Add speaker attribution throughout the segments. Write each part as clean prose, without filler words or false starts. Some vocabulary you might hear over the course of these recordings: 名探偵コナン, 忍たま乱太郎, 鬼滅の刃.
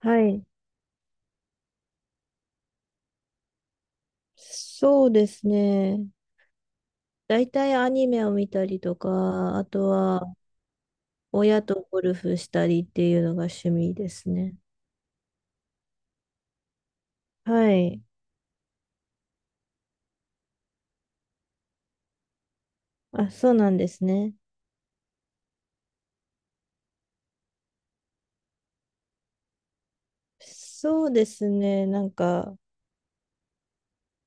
Speaker 1: はい。そうですね。大体アニメを見たりとか、あとは親とゴルフしたりっていうのが趣味ですね。はい。あ、そうなんですね。そうですね。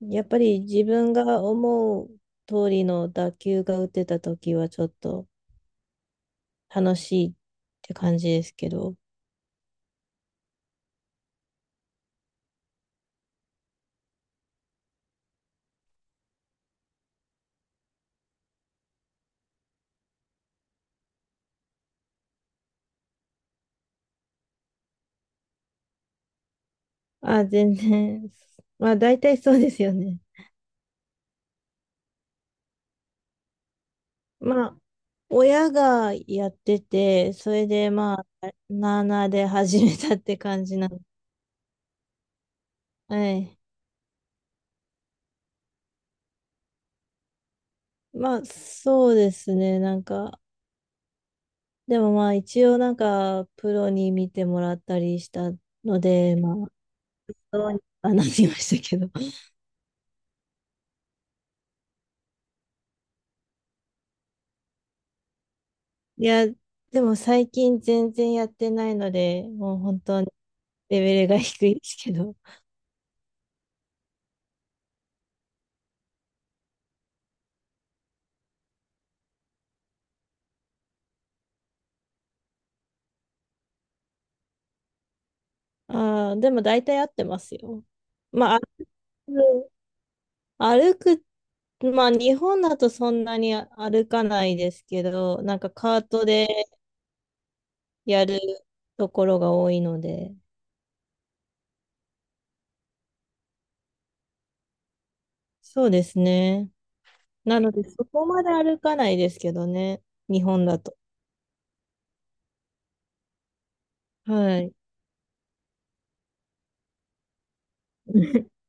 Speaker 1: やっぱり自分が思う通りの打球が打てた時はちょっと楽しいって感じですけど。あ、全然。まあ大体そうですよね。まあ、親がやってて、それでなあなあで始めたって感じなの。はい。まあ、そうですね。でもまあ、一応、プロに見てもらったりしたので、まあ、どうにかなりましたけど。いや、でも最近全然やってないので、もう本当にレベルが低いですけど。ああ、でも大体合ってますよ。まあ、歩く、歩くまあ、日本だとそんなに歩かないですけど、なんかカートでやるところが多いので、そうですね。なので、そこまで歩かないですけどね、日本だと。はい。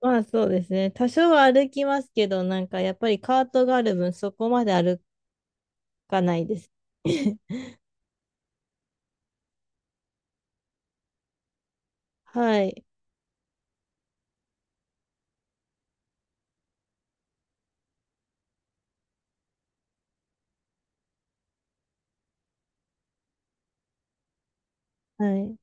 Speaker 1: まあ、そうですね。多少は歩きますけど、なんかやっぱりカートがある分、そこまで歩かないです。はい。はい。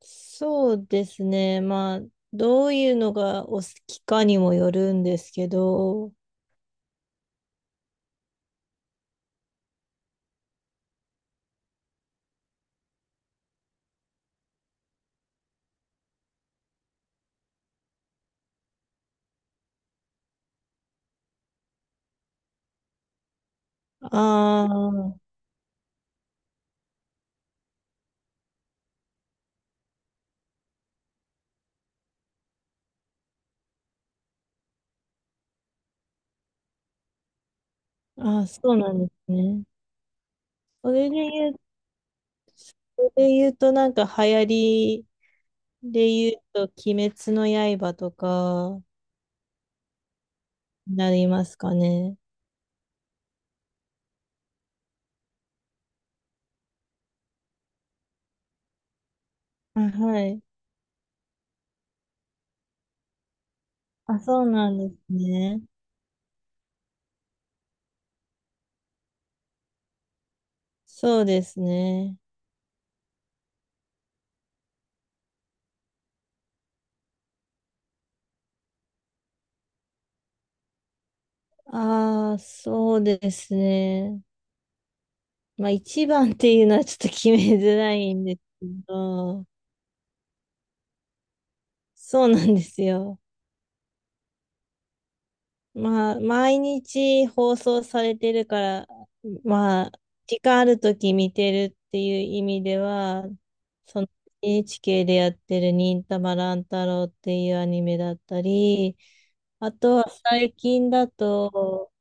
Speaker 1: そうですね。まあ、どういうのがお好きかにもよるんですけど、ああ、あ、そうなんですね。それで言う、それで言うと、なんか流行りで言うと、鬼滅の刃とかになりますかね。あ、はい。あ、そうなんですね。そうですね。ああ、そうですね。まあ、一番っていうのはちょっと決めづらいんですけど、そうなんですよ。まあ、毎日放送されてるから、まあ、時間あるとき見てるっていう意味では、その NHK でやってる忍たま乱太郎っていうアニメだったり、あとは最近だと、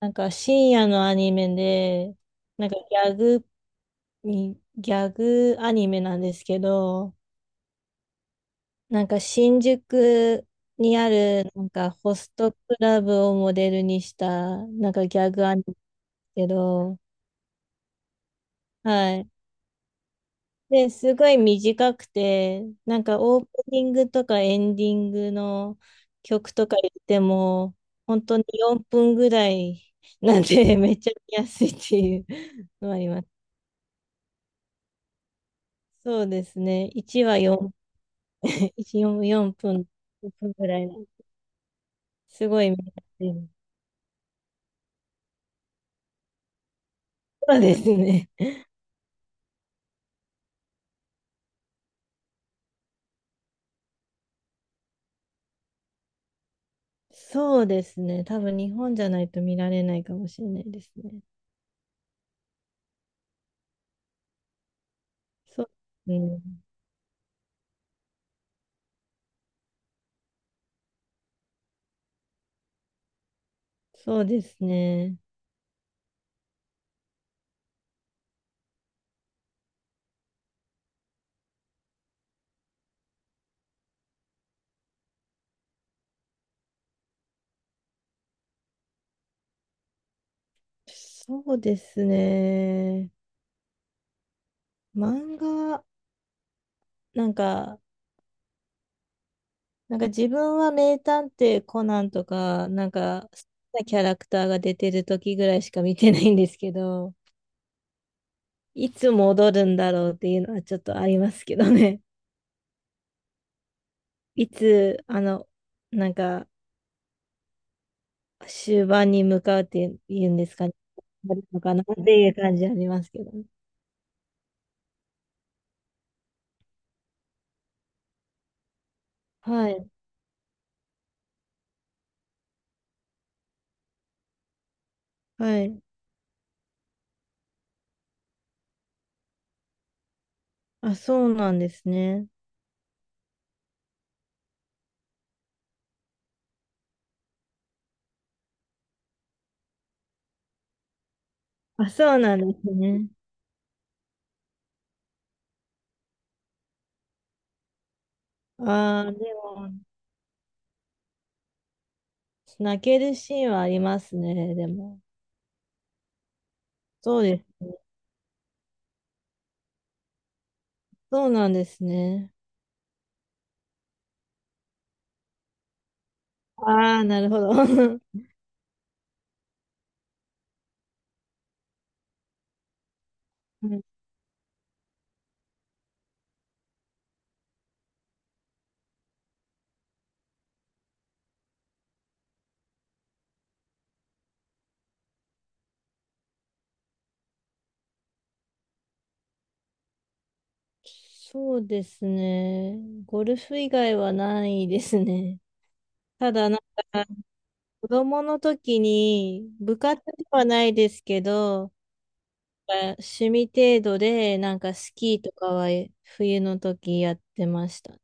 Speaker 1: なんか深夜のアニメで、なんかギャグギャグアニメなんですけど、なんか新宿にあるなんかホストクラブをモデルにしたなんかギャグアニメけど、はい。で、すごい短くて、なんかオープニングとかエンディングの曲とか言っても、本当に4分ぐらいなんで、めっちゃ見やすいっていうのはあります。そうですね。1話4、1、4分、分ぐらいの、すごい見やすい。そうですね。そうですね。多分日本じゃないと見られないかもしれないですね。そう、うん、そうですね。そうですね。漫画、なんか、なんか自分は名探偵コナンとか、なんか、好きなキャラクターが出てる時ぐらいしか見てないんですけど、いつ戻るんだろうっていうのはちょっとありますけどね。いつ、あの、なんか、終盤に向かうっていうんですかね。あるのかなっていう感じありますけどね。はい。はい。あ、そうなんですね。あ、そうなんですね。ああ、でも、泣けるシーンはありますね。でも。そうですね。そうなんですね。ああ、なるほど。うんそうですね。ゴルフ以外はないですね。ただ、か、子供の時に、部活ではないですけど、趣味程度で、なんかスキーとかは冬の時やってました。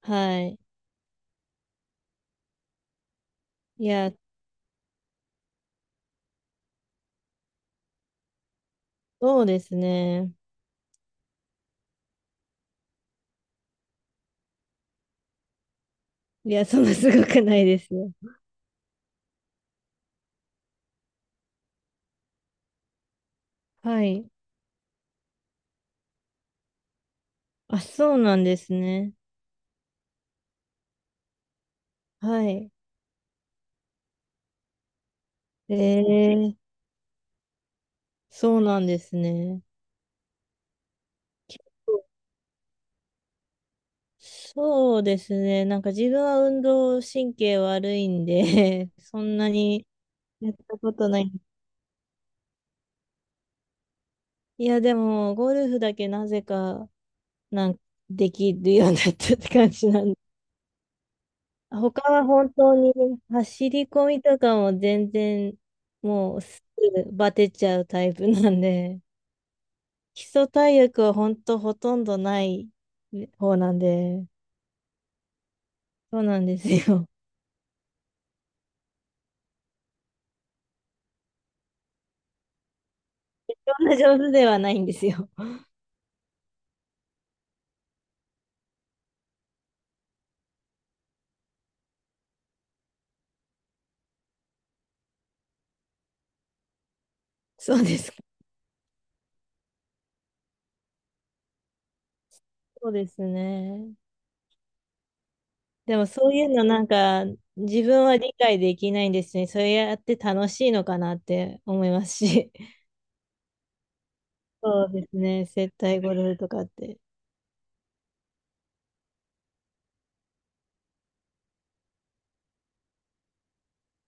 Speaker 1: はい。いや、そうですね。いや、そんなすごくないですよ。はい。あ、そうなんですね。はい。えー、そうなんですね。そうですね。なんか自分は運動神経悪いんで そんなにやったことない。いや、でも、ゴルフだけなぜか、なんかできるようになったって感じなんで他は本当に走り込みとかも全然もうすぐバテちゃうタイプなんで、基礎体力は本当ほとんどない方なんで、そうなんですよ。そんな上手ではないんですよ。そうですか。そうですね。でもそういうのなんか自分は理解できないんですね。それやって楽しいのかなって思いますし。そうですね。接待ゴルフとかって。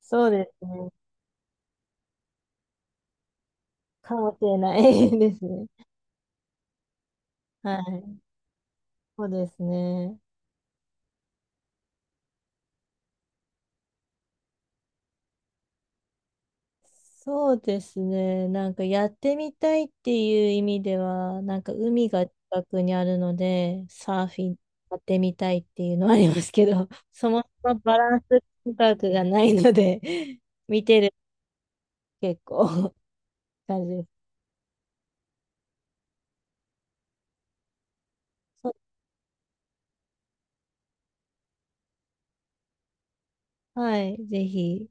Speaker 1: そうですね。かもしれない ですね。はい、そうですね。そうですね。なんかやってみたいっていう意味では、なんか海が近くにあるので、サーフィンやってみたいっていうのはありますけど、そもそもバランス感覚がないので、見てる結構 感じです。そうはい、ぜひ。